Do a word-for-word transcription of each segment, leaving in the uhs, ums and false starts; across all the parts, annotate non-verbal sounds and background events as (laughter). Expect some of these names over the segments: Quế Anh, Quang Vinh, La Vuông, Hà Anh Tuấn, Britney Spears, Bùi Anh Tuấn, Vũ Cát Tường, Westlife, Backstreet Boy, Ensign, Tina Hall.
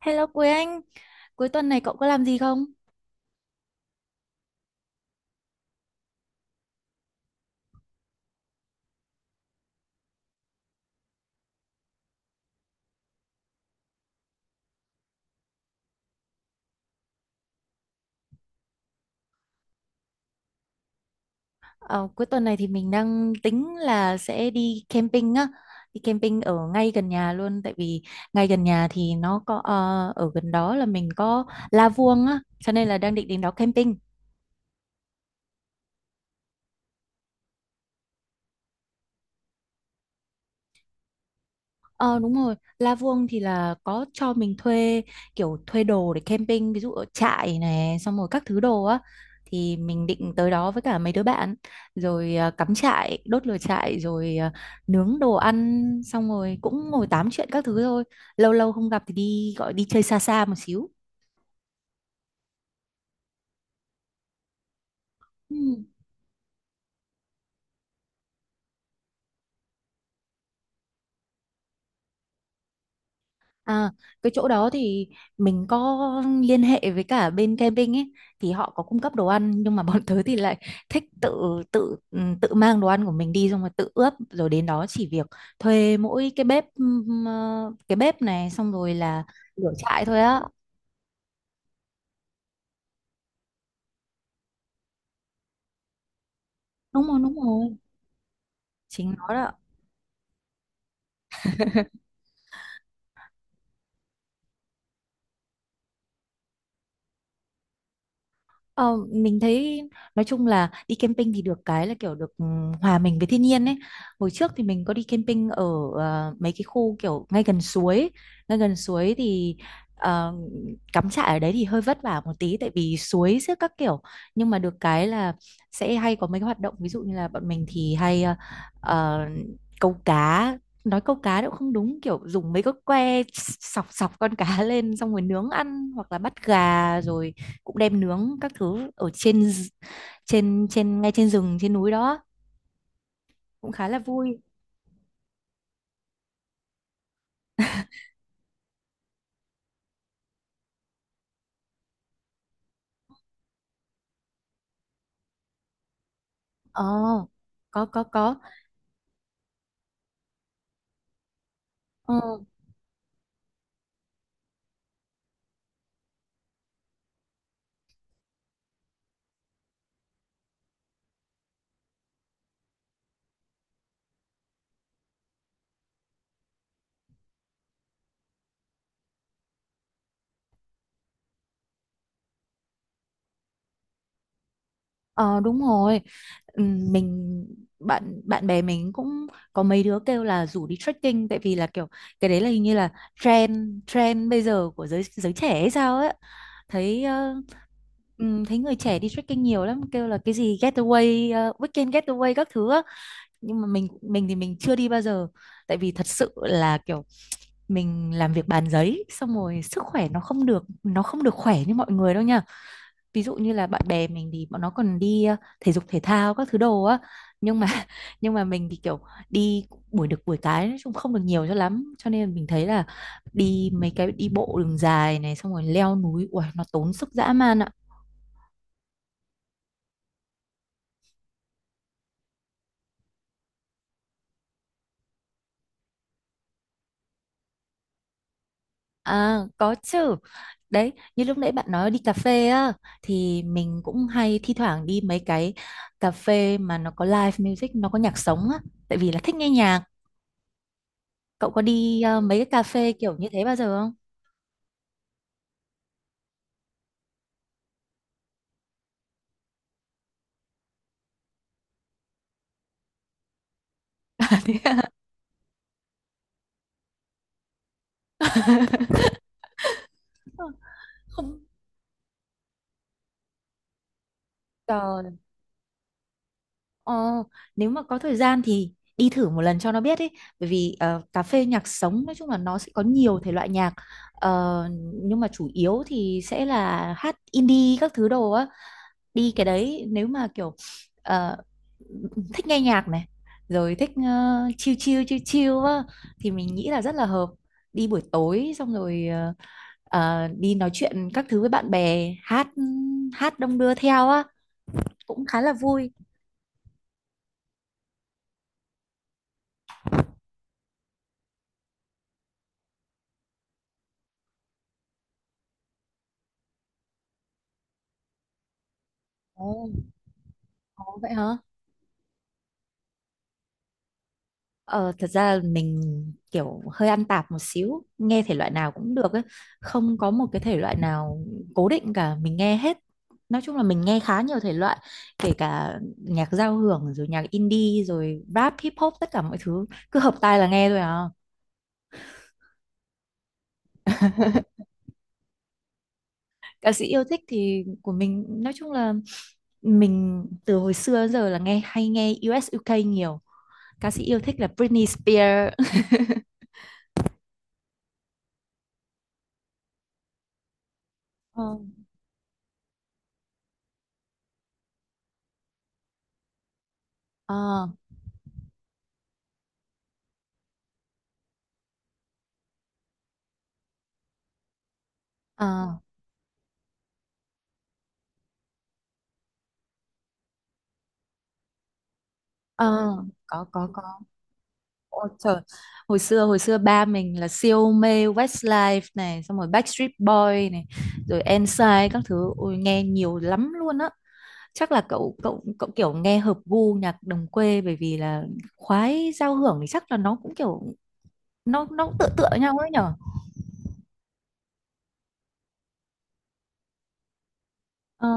Hello Quế Anh, cuối tuần này cậu có làm gì không? Ờ, Cuối tuần này thì mình đang tính là sẽ đi camping á, đi camping ở ngay gần nhà luôn, tại vì ngay gần nhà thì nó có ờ, ở gần đó là mình có La Vuông á, cho nên là đang định đến đó camping. Ờ đúng rồi, La Vuông thì là có cho mình thuê kiểu thuê đồ để camping, ví dụ ở trại này, xong rồi các thứ đồ á thì mình định tới đó với cả mấy đứa bạn rồi à, cắm trại, đốt lửa trại rồi à, nướng đồ ăn xong rồi cũng ngồi tám chuyện các thứ thôi. Lâu lâu không gặp thì đi gọi đi chơi xa xa một xíu. Ừ. À, cái chỗ đó thì mình có liên hệ với cả bên camping ấy thì họ có cung cấp đồ ăn nhưng mà (laughs) bọn tớ thì lại thích tự tự ừ, tự mang đồ ăn của mình đi xong rồi tự ướp rồi đến đó chỉ việc thuê mỗi cái bếp ừm, ờ, cái bếp này xong rồi là lửa trại thôi á. Đúng rồi đúng rồi, chính nó đó. (laughs) Ờ, mình thấy nói chung là đi camping thì được cái là kiểu được ừ, hòa mình với thiên nhiên ấy. Hồi trước thì mình có đi camping ở ờ, mấy cái khu kiểu ngay gần suối, ngay gần suối thì ờ, cắm trại ở đấy thì hơi vất vả một tí tại vì suối xếp các kiểu. Nhưng mà được cái là sẽ hay có mấy cái hoạt động ví dụ như là bọn mình thì hay ờ, ờ, câu cá, nói câu cá cũng không đúng kiểu dùng mấy cái que sọc sọc con cá (laughs) lên xong rồi nướng ăn hoặc là bắt gà rồi cũng đem nướng các thứ ở trên d- trên trên ngay trên rừng trên núi đó cũng khá là vui. Ờ, có có có. ờ, ờ đúng rồi. Ừm, mình bạn bạn bè mình cũng có mấy đứa kêu là rủ đi trekking tại vì là kiểu cái đấy là hình như là trend trend bây giờ của giới giới trẻ hay sao ấy, thấy ờ, ừm, thấy người trẻ đi trekking nhiều lắm kêu là cái gì getaway ờ, weekend getaway các thứ á. Nhưng mà mình mình thì mình chưa đi bao giờ tại vì thật sự là kiểu mình làm việc bàn giấy xong rồi sức khỏe nó không được nó không được khỏe như mọi người đâu nha, ví dụ như là bạn bè mình thì bọn nó còn đi ờ, thể dục thể thao các thứ đồ á, nhưng mà (laughs) nhưng mà mình thì kiểu đi buổi được buổi cái nói chung không được nhiều cho lắm, cho nên mình thấy là đi mấy cái đi bộ đường dài này xong rồi leo núi uầy, nó tốn sức dã man ạ. À, có chứ. Đấy, như lúc nãy bạn nói đi cà phê á, thì mình cũng hay thi thoảng đi mấy cái cà phê mà nó có live music, nó có nhạc sống á, tại vì là thích nghe nhạc. Cậu có đi ờ, mấy cái cà phê kiểu như thế bao giờ không? (laughs) Không. Trời. Ờ, nếu mà có thời gian thì đi thử một lần cho nó biết ý. Bởi vì ờ, cà phê nhạc sống nói chung là nó sẽ có nhiều thể loại nhạc. Ờ, nhưng mà chủ yếu thì sẽ là hát indie các thứ đồ á, đi cái đấy nếu mà kiểu ờ, thích nghe nhạc này rồi thích ờ, chill chill chill chill á, thì mình nghĩ là rất là hợp, đi buổi tối xong rồi ờ, ờ, đi nói chuyện các thứ với bạn bè, hát hát đông đưa theo á cũng khá là vui. Ồ, có vậy hả? Ờ, thật ra mình kiểu hơi ăn tạp một xíu, nghe thể loại nào cũng được ấy, không có một cái thể loại nào cố định cả, mình nghe hết. Nói chung là mình nghe khá nhiều thể loại, kể cả nhạc giao hưởng rồi nhạc indie rồi rap, hip hop tất cả mọi thứ, cứ hợp tai là nghe thôi à. (laughs) Ca sĩ yêu thích thì của mình nói chung là mình từ hồi xưa đến giờ là nghe hay nghe u ét u ca nhiều. Ca sĩ yêu thích là Britney Spears. (laughs) Ờ, ờ, ờ, ờ, có có có. Ôi trời, hồi xưa hồi xưa ba mình là siêu mê Westlife này, xong rồi Backstreet Boy này, rồi Ensign các thứ, ôi nghe nhiều lắm luôn á. Chắc là cậu cậu cậu kiểu nghe hợp gu nhạc đồng quê, bởi vì là khoái giao hưởng thì chắc là nó cũng kiểu nó nó cũng tựa tựa nhau ấy nhở. Ờ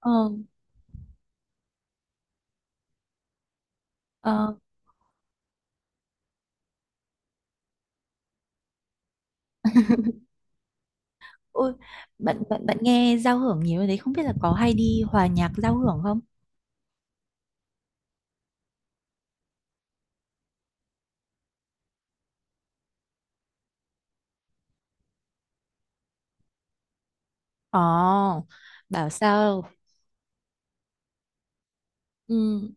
ờ ờ ôi, bạn bạn bạn nghe giao hưởng nhiều như thế không biết là có hay đi hòa nhạc giao hưởng không? Ồ, bảo sao? Ừ,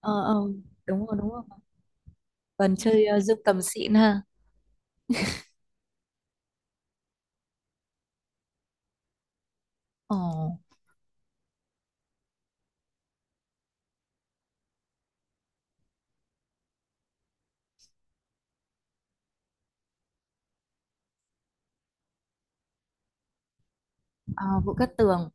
ờ ờ đúng rồi đúng rồi. Vân chơi ờ, dương cầm xịn ha. Ồ, ờ, Vũ Cát Tường.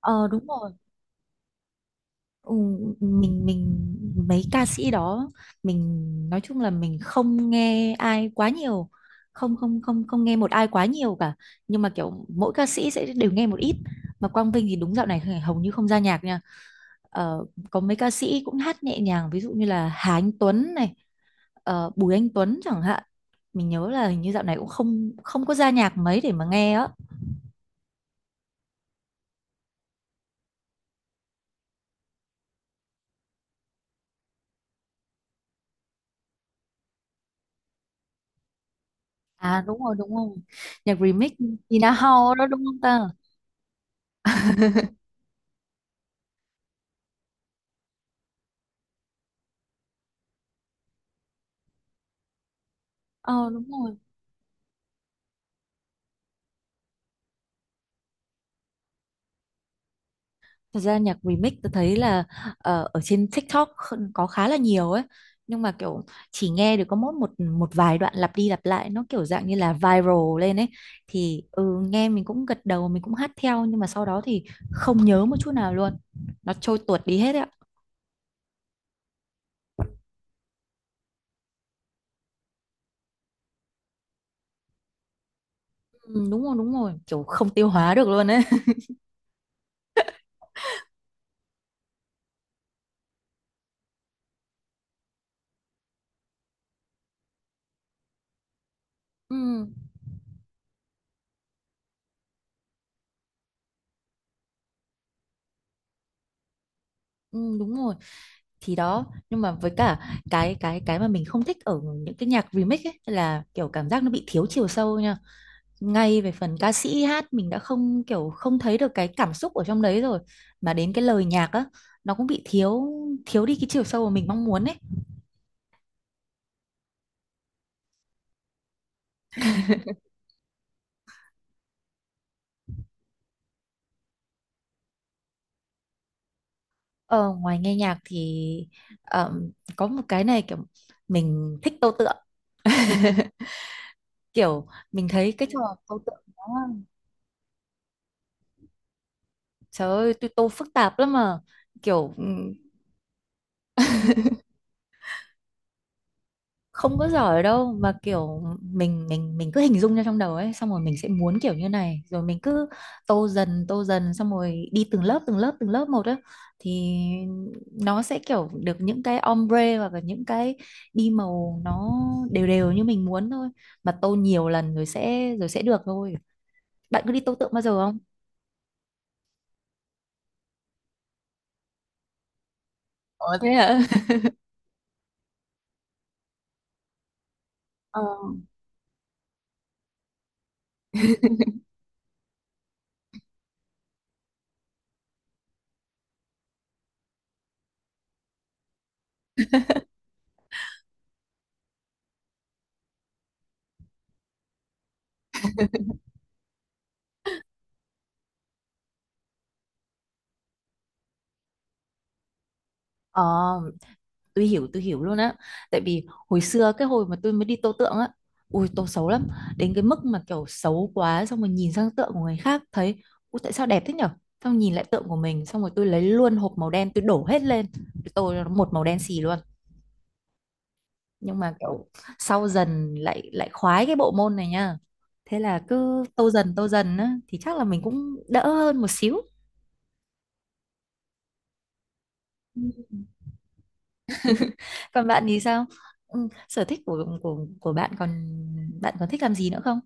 Ờ đúng rồi. Ừ, mình mình mấy ca sĩ đó mình nói chung là mình không nghe ai quá nhiều. Không không không không nghe một ai quá nhiều cả. Nhưng mà kiểu mỗi ca sĩ sẽ đều nghe một ít. Mà Quang Vinh thì đúng dạo này hầu như không ra nhạc nha. Ờ, có mấy ca sĩ cũng hát nhẹ nhàng ví dụ như là Hà Anh Tuấn này, ờ, Bùi Anh Tuấn chẳng hạn. Mình nhớ là hình như dạo này cũng không không có ra nhạc mấy để mà nghe á. À đúng rồi đúng rồi. Nhạc remix Tina Hall đó đúng không ta? Ờ đúng rồi. Thật ra nhạc remix tôi thấy là ờ, ở trên TikTok kh- có khá là nhiều ấy. Nhưng mà kiểu chỉ nghe được có mỗi một một vài đoạn lặp đi lặp lại, nó kiểu dạng như là viral lên ấy. Thì ừ, nghe mình cũng gật đầu mình cũng hát theo, nhưng mà sau đó thì không nhớ một chút nào luôn, nó trôi tuột đi hết ấy ạ. ừ, Đúng rồi đúng rồi, kiểu không tiêu hóa được luôn ấy. (laughs) Ừ, ừ, đúng rồi, thì đó nhưng mà với cả cái cái cái mà mình không thích ở những cái nhạc remix ấy là kiểu cảm giác nó bị thiếu chiều sâu nha, ngay về phần ca sĩ hát mình đã không kiểu không thấy được cái cảm xúc ở trong đấy rồi, mà đến cái lời nhạc á nó cũng bị thiếu, thiếu đi cái chiều sâu mà mình mong muốn ấy. ờ, Ngoài nghe nhạc thì ờm, có một cái này kiểu mình thích tô tượng, kiểu mình thấy cái trò tô tượng nó, trời ơi tôi tô phức tạp lắm mà, kiểu ừ, không có giỏi đâu, mà kiểu mình mình mình cứ hình dung ra trong đầu ấy xong rồi mình sẽ muốn kiểu như này rồi mình cứ tô dần tô dần xong rồi đi từng lớp từng lớp từng lớp một á, thì nó sẽ kiểu được những cái ombre hoặc là những cái đi màu nó đều đều như mình muốn thôi, mà tô nhiều lần rồi sẽ rồi sẽ được thôi. Bạn cứ đi tô tượng bao giờ không? Ủa thế hả? (laughs) Ờ, ờ, tôi hiểu tôi hiểu luôn á, tại vì hồi xưa cái hồi mà tôi mới đi tô tượng á, ui tô xấu lắm, đến cái mức mà kiểu xấu quá xong rồi nhìn sang tượng của người khác thấy ui tại sao đẹp thế nhở, xong nhìn lại tượng của mình xong rồi tôi lấy luôn hộp màu đen tôi đổ hết lên tôi tô cho nó một màu đen xì luôn. Nhưng mà kiểu sau dần lại lại khoái cái bộ môn này nha, thế là cứ tô dần tô dần á thì chắc là mình cũng đỡ hơn một xíu. Ừ. Còn bạn thì sao? Ừ, sở thích của của của bạn còn, bạn còn thích làm gì nữa không?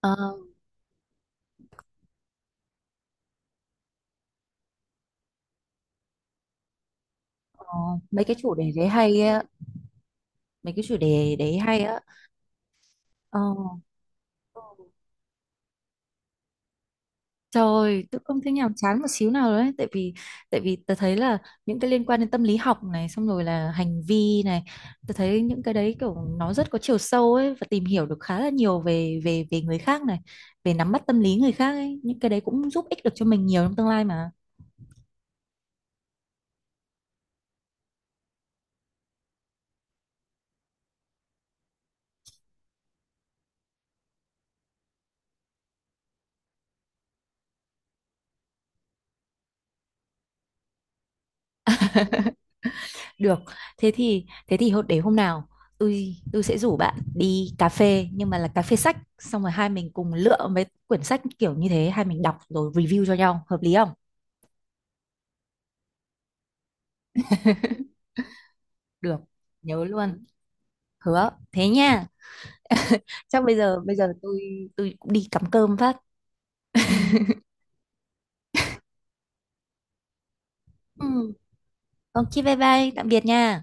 Ờ, Ờ, mấy cái chủ đề đấy hay á, mấy cái chủ đề đấy hay á ờ, trời tôi không thấy nhàm chán một xíu nào đấy, tại vì tại vì tôi thấy là những cái liên quan đến tâm lý học này xong rồi là hành vi này, tôi thấy những cái đấy kiểu nó rất có chiều sâu ấy và tìm hiểu được khá là nhiều về về về người khác này, về nắm bắt tâm lý người khác ấy, những cái đấy cũng giúp ích được cho mình nhiều trong tương lai mà. Được, thế thì thế thì hôm- để hôm nào tôi tôi sẽ rủ bạn đi cà phê nhưng mà là cà phê sách xong rồi hai mình cùng lựa mấy quyển sách kiểu như thế hai mình đọc rồi review cho nhau hợp lý không? Được, nhớ luôn, hứa. Thế nha. Chắc bây giờ bây giờ tôi tôi cũng đi cắm cơm phát. Ừ, ok bye bye, tạm biệt nha.